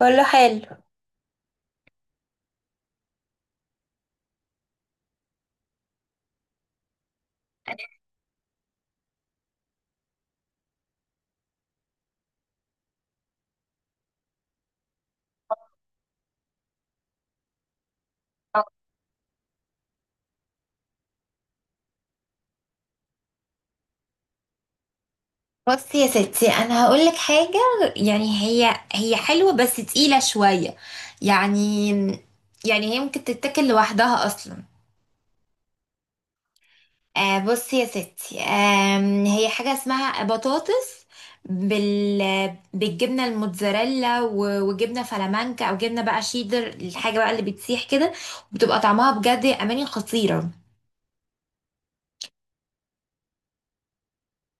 كله حلو. بصي يا ستي، انا هقول لك حاجه. يعني هي هي حلوه بس تقيله شويه، يعني هي ممكن تتاكل لوحدها اصلا. آه، بصي يا ستي، هي حاجه اسمها بطاطس بالجبنه الموتزاريلا وجبنه فلامانكا او جبنه بقى شيدر، الحاجه بقى اللي بتسيح كده وبتبقى طعمها بجد يا اماني خطيره.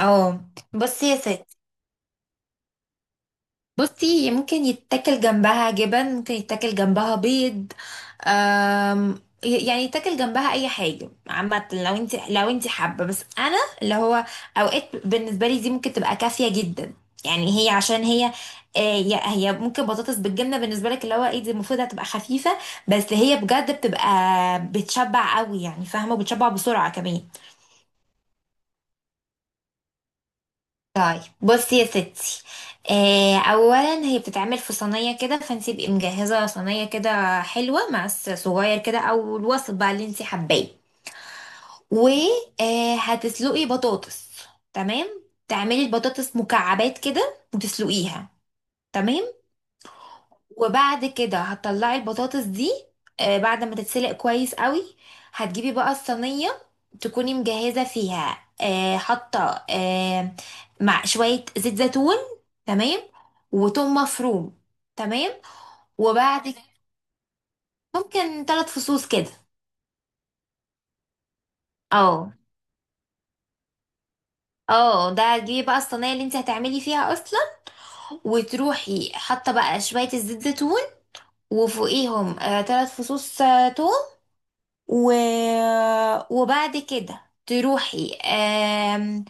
اه، بصي يا ستي، بصي، هي ممكن يتاكل جنبها جبن، ممكن يتاكل جنبها بيض. أم يعني يتاكل جنبها اي حاجه عامه، لو انت حابه، بس انا اللي هو اوقات بالنسبه لي دي ممكن تبقى كافيه جدا. يعني هي عشان هي، هي هي ممكن بطاطس بالجبنه بالنسبه لك اللي هو ايه دي، المفروض هتبقى خفيفه بس هي بجد بتبقى بتشبع قوي، يعني فاهمه، وبتشبع بسرعه كمان. طيب، بصي يا ستي. اولا هي بتتعمل في صينيه كده، فانت تبقي مجهزه صينيه كده حلوه، مع الصغير كده او الوسط بقى اللي انت حباه. وهتسلقي بطاطس. تمام. تعملي البطاطس مكعبات كده وتسلقيها. تمام. وبعد كده هتطلعي البطاطس دي بعد ما تتسلق كويس قوي. هتجيبي بقى الصينية، تكوني مجهزة فيها حاطة مع شوية زيت زيتون، تمام، وتوم مفروم. تمام. وبعد كده ممكن ثلاث فصوص كده. اه، اه، ده تجيبي بقى الصينية اللي انت هتعملي فيها اصلا، وتروحي حاطة بقى شوية الزيت زيتون، وفوقيهم ثلاث فصوص توم. و... وبعد كده تروحي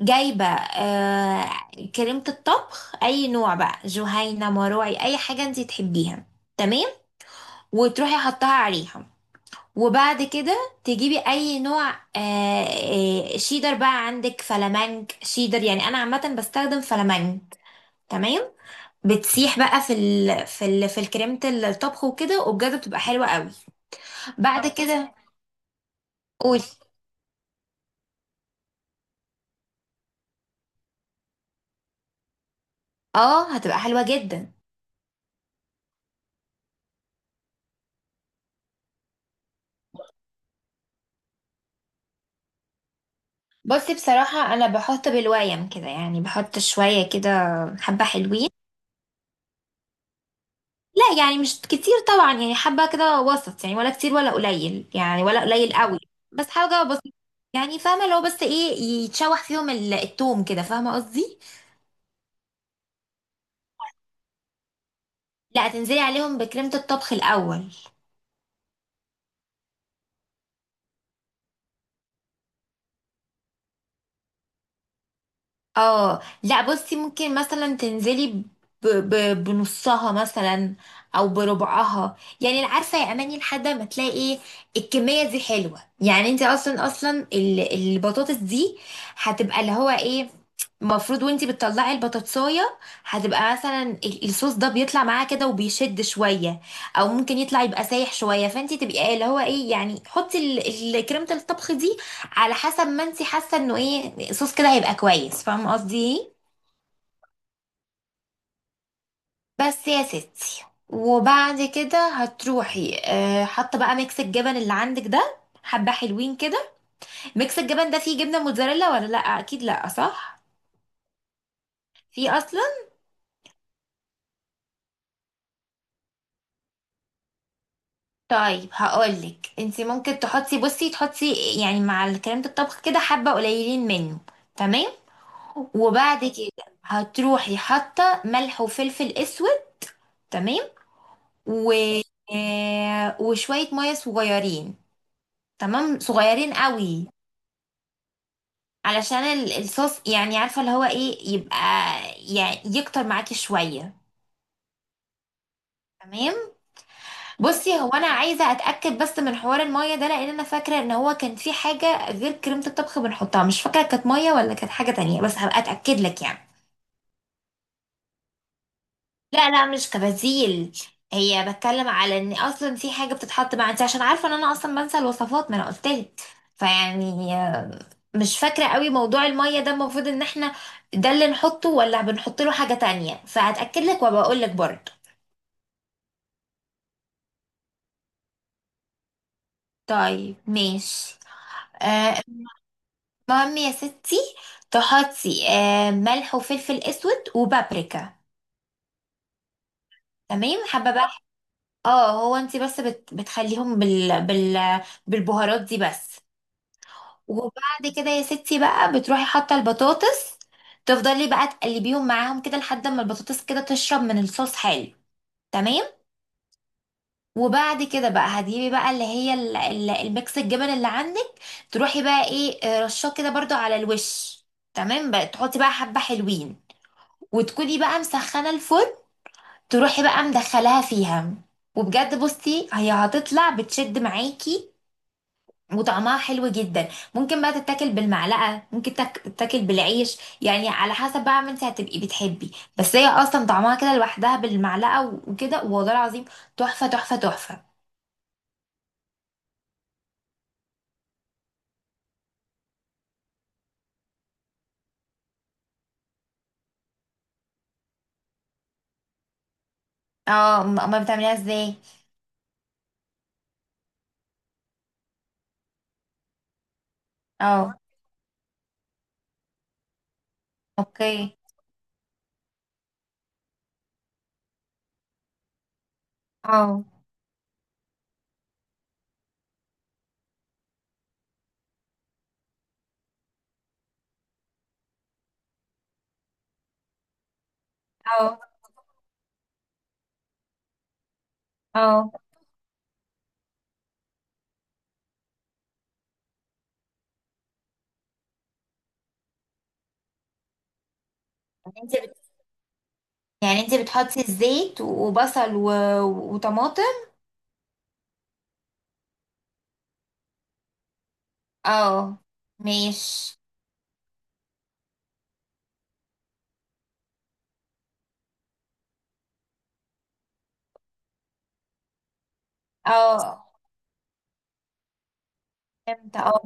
جايبة كريمة الطبخ، أي نوع بقى، جهينة، مروعي، أي حاجة انتي تحبيها. تمام، وتروحي حطها عليها. وبعد كده تجيبي أي نوع، آه، شيدر بقى، عندك فلامنك شيدر، يعني أنا عامة بستخدم فلامنك. تمام. بتسيح بقى في الكريمة الطبخ وكده، وبجد بتبقى حلوة قوي. بعد كده قولي. اه، هتبقى حلوة جدا. بصي، بصراحة أنا بحط بالويم كده، يعني بحط شوية كده، حبة حلوين. لا، يعني مش كتير طبعا، يعني حبة كده وسط، يعني ولا كتير ولا قليل، يعني ولا قليل قوي، بس حاجة بسيطة. يعني فاهمة، لو بس ايه يتشوح فيهم التوم كده، فاهمة قصدي. لا، تنزلي عليهم بكريمة الطبخ الأول. اه، لا، بصي، ممكن مثلا تنزلي بنصها مثلا او بربعها، يعني عارفه يا اماني، لحد ما تلاقي ايه الكميه دي حلوه. يعني انت اصلا اصلا البطاطس دي هتبقى اللي هو ايه المفروض، وانتي بتطلعي البطاطسايه هتبقى مثلا الصوص ده بيطلع معاه كده وبيشد شويه، او ممكن يطلع يبقى سايح شويه، فانتي تبقي اللي هو ايه يعني، حطي كريمه الطبخ دي على حسب ما انت حاسه انه ايه صوص كده هيبقى كويس، فاهمه قصدي ايه. بس يا ستي، وبعد كده هتروحي اه حاطه بقى ميكس الجبن اللي عندك ده، حبه حلوين كده. ميكس الجبن ده فيه جبنه موتزاريلا ولا لا؟ اكيد لا، صح؟ في اصلا. طيب، هقولك انت ممكن تحطي، بصي، تحطي يعني مع الكلام ده الطبخ كده حبه قليلين منه. تمام. وبعد كده هتروحي حاطه ملح وفلفل اسود. تمام. و... آه، وشوية مية صغيرين، تمام، صغيرين قوي. علشان الصوص يعني، عارفة اللي هو ايه يبقى، يعني يكتر معاكي شوية. تمام. بصي، هو انا عايزة اتأكد بس من حوار المية ده، لان انا فاكرة ان هو كان في حاجة غير كريمة الطبخ بنحطها، مش فاكرة كانت مية ولا كانت حاجة تانية، بس هبقى اتأكد لك يعني. لا لا، مش كبديل. هي بتكلم على ان اصلا في حاجة بتتحط مع انت، عشان عارفة ان انا اصلا بنسى الوصفات، ما انا قلتلك. فيعني، مش فاكرة قوي موضوع المية ده، المفروض ان احنا ده اللي نحطه ولا بنحط له حاجة تانية، فهتأكد لك وبقول لك برضه. طيب، ماشي. آه، المهم يا ستي، تحطي ملح وفلفل اسود وبابريكا. تمام. حابة بقى. اه، هو انت بس بتخليهم بالبهارات دي بس. وبعد كده يا ستي بقى بتروحي حاطة البطاطس، تفضلي بقى تقلبيهم معاهم كده لحد ما البطاطس كده تشرب من الصوص حلو. تمام. وبعد كده بقى هتجيبي بقى اللي هي الميكس الجبن اللي عندك، تروحي بقى ايه رشاه كده برضو على الوش. تمام، بقى تحطي بقى حبة حلوين، وتكوني بقى مسخنة الفرن، تروحي بقى مدخلاها فيها. وبجد بصي هي هتطلع بتشد معاكي وطعمها حلو جدا. ممكن بقى تتاكل بالمعلقة، ممكن تتاكل بالعيش يعني، على حسب بقى ما انت هتبقي بتحبي. بس هي اصلا طعمها كده لوحدها بالمعلقة وكده، والله العظيم تحفة تحفة تحفة. اه، امال بتعمليها ازاي؟ اه، اوكي. اه، اه، اه، انت بت... يعني انت بتحطي الزيت وبصل وطماطم. اه، ماشي. اه، فهمت. اه،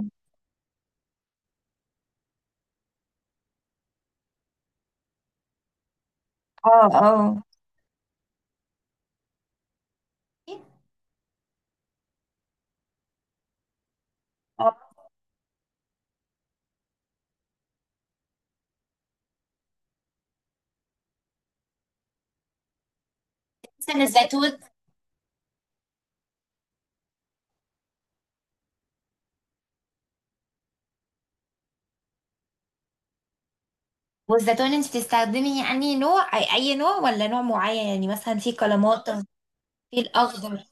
اه، اه، اه، مثلا الزيتون. والزيتون انت بتستخدمي يعني نوع، أي نوع، ولا نوع معين يعني مثلا في كلماطة، في الاخضر؟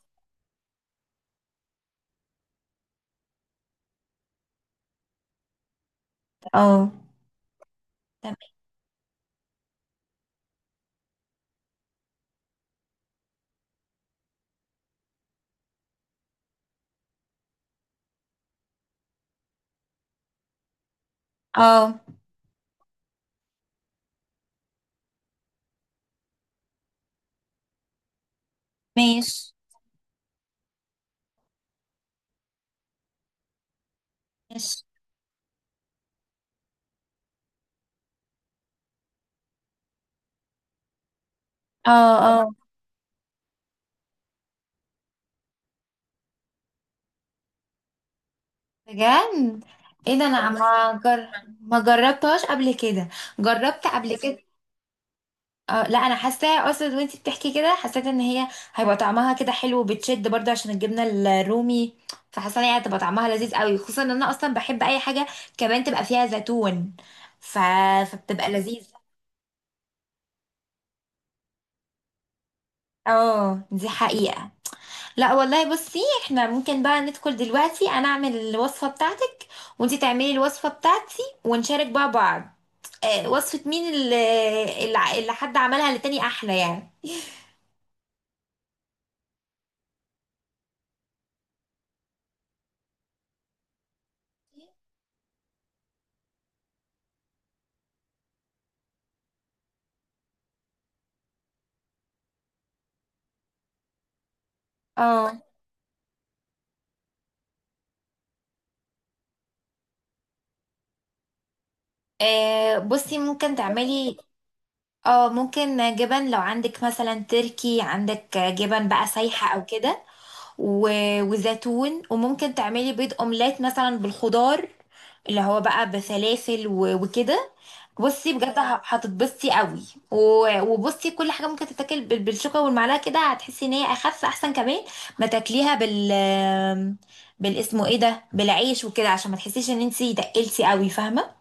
اه، تمام. اه، ماشي. ماشي. اه، بجد؟ ايه ده، انا والله ما جربتهاش قبل كده. جربت قبل بصي كده. لا، انا حاساها اصلا وانتي بتحكي كده، حسيت ان هي هيبقى طعمها كده حلو وبتشد برضه عشان الجبنه الرومي، فحاسه ان هي هتبقى طعمها لذيذ قوي، خصوصا ان انا اصلا بحب اي حاجه كمان تبقى فيها زيتون. ف... فبتبقى لذيذ. اه، دي حقيقه. لا والله، بصي، احنا ممكن بقى ندخل دلوقتي، انا اعمل الوصفه بتاعتك وانتي تعملي الوصفه بتاعتي، ونشارك بقى بعض، وصفة مين اللي حد عملها للتاني احلى يعني. اه، بصي ممكن تعملي، اه، ممكن جبن، لو عندك مثلا تركي، عندك جبن بقى سايحة او كده وزيتون. وممكن تعملي بيض اومليت مثلا بالخضار اللي هو بقى بسلاسل وكده. بصي بجد هتتبسطي قوي وبصي كل حاجه ممكن تتاكل بالشوكه والمعلقه كده، هتحسي ان هي اخف احسن، كمان ما تاكليها بال بالاسمه ايه ده بالعيش وكده، عشان ما تحسيش ان انتي دقلتي قوي، فاهمه.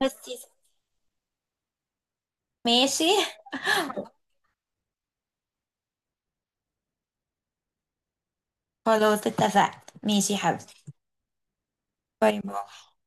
بس. ماشي. خلاص، اتفقت. ماشي يا حبيبتي. باي باي.